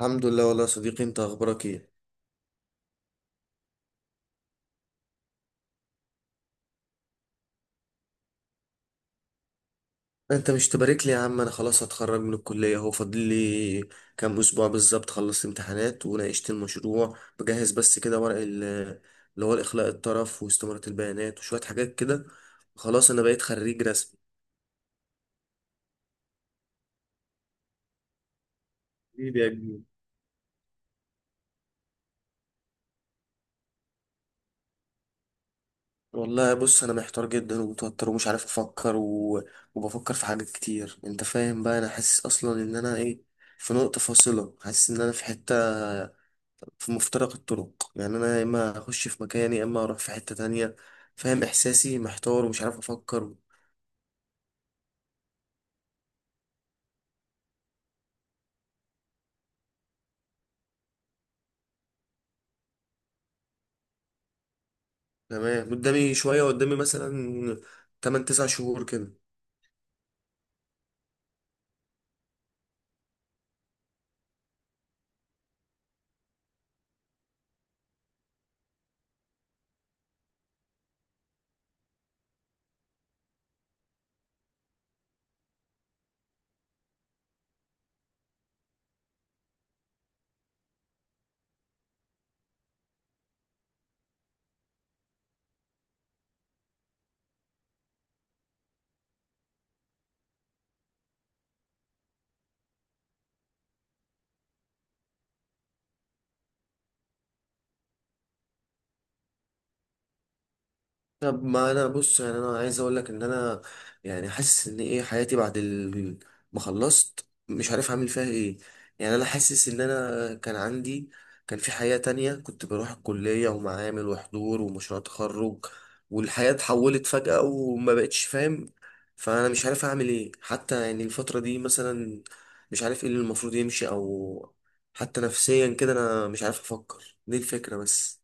الحمد لله والله يا صديقي، انت اخبارك ايه؟ انت مش تبارك لي يا عم؟ انا خلاص هتخرج من الكليه اهو. فاضل لي كام اسبوع بالظبط. خلصت امتحانات وناقشت المشروع، بجهز بس كده ورق اللي هو الاخلاء الطرف واستمارة البيانات وشويه حاجات كده. خلاص انا بقيت خريج رسمي. حبيبي يا كبير. والله بص انا محتار جدا ومتوتر ومش عارف وبفكر في حاجات كتير. انت فاهم بقى، انا حاسس اصلا ان انا ايه، في نقطة فاصلة. حاسس ان انا في حتة، في مفترق الطرق. يعني انا يا اما اخش في مكاني، يا اما اروح في حتة تانية. فاهم احساسي؟ محتار ومش عارف افكر. تمام، قدامي مثلا 8 9 شهور كده. طب ما انا بص، يعني انا عايز اقول لك ان انا يعني حاسس ان ايه، حياتي بعد ما خلصت مش عارف اعمل فيها ايه. يعني انا حاسس ان انا كان عندي، كان في حياة تانية، كنت بروح الكلية ومعامل وحضور ومشروع تخرج، والحياة اتحولت فجأة وما بقتش فاهم. فانا مش عارف اعمل ايه حتى يعني الفترة دي مثلا، مش عارف ايه اللي المفروض يمشي، او حتى نفسيا كده انا مش عارف افكر. دي الفكرة بس.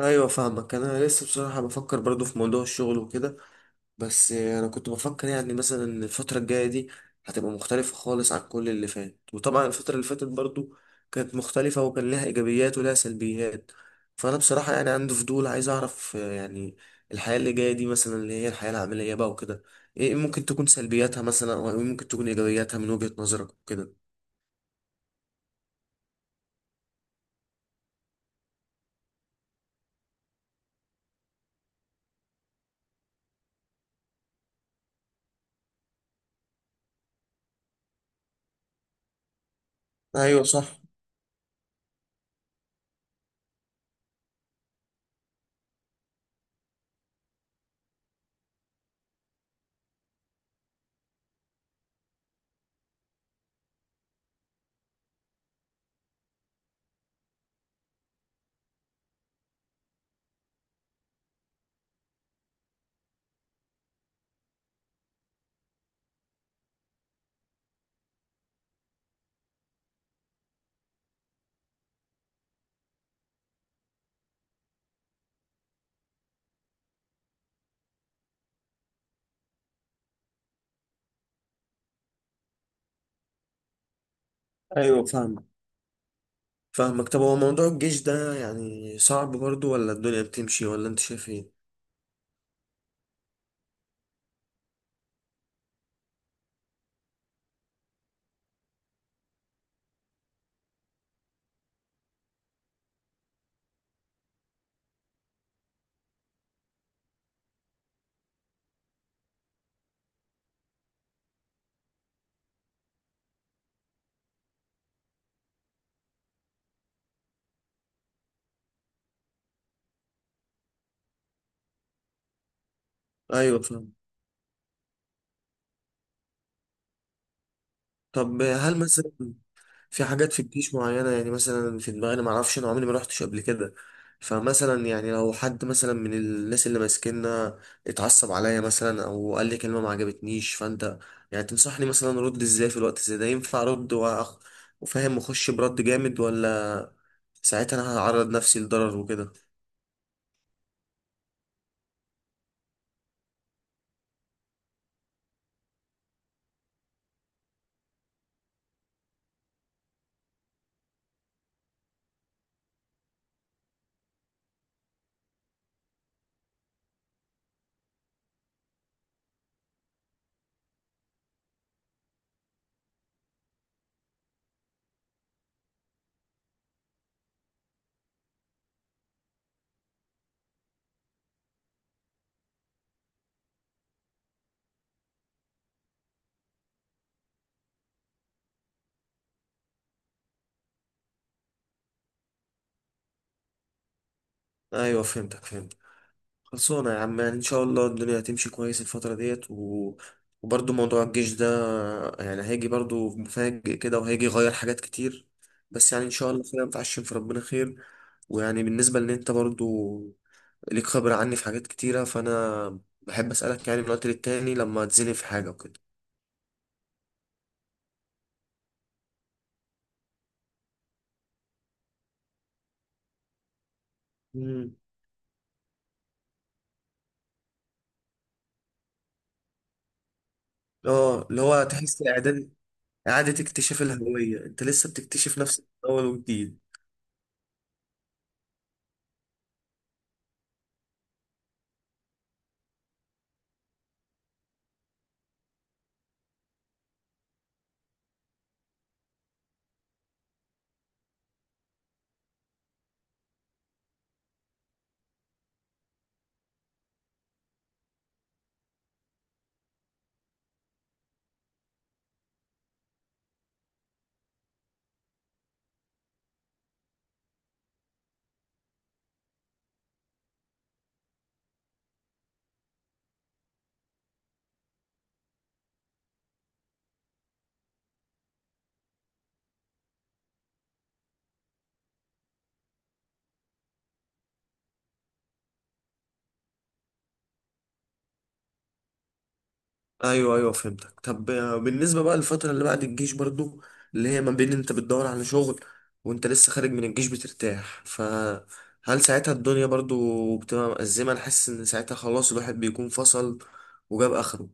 ايوه فاهمك. انا لسه بصراحه بفكر برضو في موضوع الشغل وكده، بس انا كنت بفكر يعني مثلا إن الفتره الجايه دي هتبقى مختلفه خالص عن كل اللي فات. وطبعا الفتره اللي فاتت برضو كانت مختلفه، وكان لها ايجابيات ولها سلبيات. فانا بصراحه يعني عندي فضول، عايز اعرف آه، يعني الحياه اللي جايه دي مثلا، اللي هي الحياه العمليه بقى وكده، ايه ممكن تكون سلبياتها مثلا، او إيه ممكن تكون ايجابياتها من وجهه نظرك وكده. ايوه صح. ايوه فاهم. فاهمك. طب هو موضوع الجيش ده يعني صعب برضو، ولا الدنيا بتمشي، ولا انت شايف ايه؟ ايوه فاهم. طب هل مثلا في حاجات في الجيش معينة؟ يعني مثلا في دماغي، انا معرفش، انا عمري ما روحتش قبل كده. فمثلا يعني لو حد مثلا من الناس اللي ماسكيننا اتعصب عليا مثلا، او قال لي كلمة ما عجبتنيش، فانت يعني تنصحني مثلا ارد ازاي؟ في الوقت زي ده ينفع وفاهم اخش برد جامد، ولا ساعتها انا هعرض نفسي لضرر وكده؟ ايوه فهمت. خلصانة يا عم، يعني إن شاء الله الدنيا هتمشي كويس الفترة ديت. وبرضه موضوع الجيش ده يعني هيجي برضه مفاجئ كده، وهيجي يغير حاجات كتير. بس يعني إن شاء الله خير، متعشم في ربنا خير. ويعني بالنسبة لأن أنت برضه ليك خبرة عني في حاجات كتيرة، فأنا بحب أسألك يعني من وقت للتاني لما تزني في حاجة وكده. مم. اه اللي هو تحس إعادة اكتشاف الهوية. أنت لسه بتكتشف نفسك من أول وجديد. ايوه ايوه فهمتك. طب آه، بالنسبه بقى للفتره اللي بعد الجيش برضو، اللي هي ما بين انت بتدور على شغل وانت لسه خارج من الجيش بترتاح، فهل ساعتها الدنيا برضو بتبقى مأزمه؟ انا حاسس ان ساعتها خلاص الواحد بيكون فصل وجاب اخره.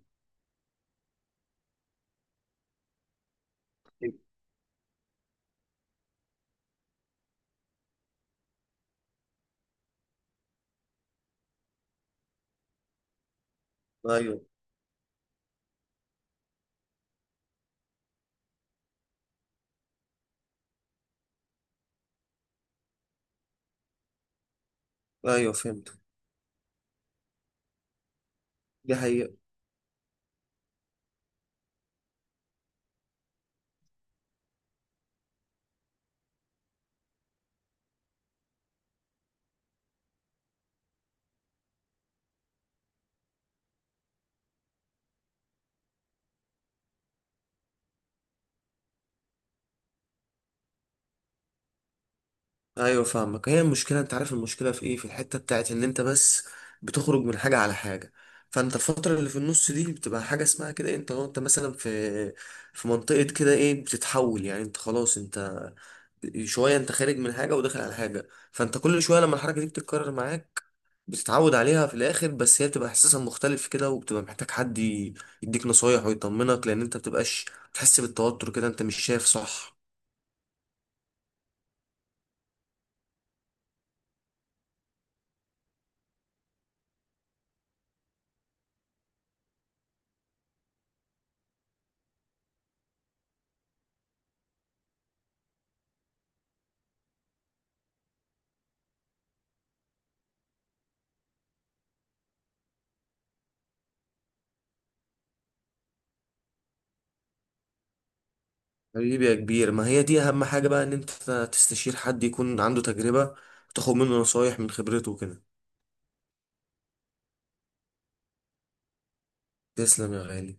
ايوه ايوه فهمت. دي حقيقه. ايوه فاهمك. هي المشكله، انت عارف المشكله في ايه؟ في الحته بتاعت ان انت بس بتخرج من حاجه على حاجه. فانت الفتره اللي في النص دي بتبقى حاجه اسمها كده إيه، انت مثلا في في منطقه كده ايه بتتحول. يعني انت خلاص انت شويه، انت خارج من حاجه وداخل على حاجه، فانت كل شويه لما الحركه دي بتتكرر معاك بتتعود عليها في الاخر. بس هي بتبقى احساسها مختلف كده، وبتبقى محتاج حد يديك نصايح ويطمنك، لان انت بتبقاش تحس بالتوتر كده. انت مش شايف صح؟ حبيبي يا كبير، ما هي دي اهم حاجة بقى، ان انت تستشير حد يكون عنده تجربة وتاخد منه نصايح من خبرته وكده. تسلم يا غالي.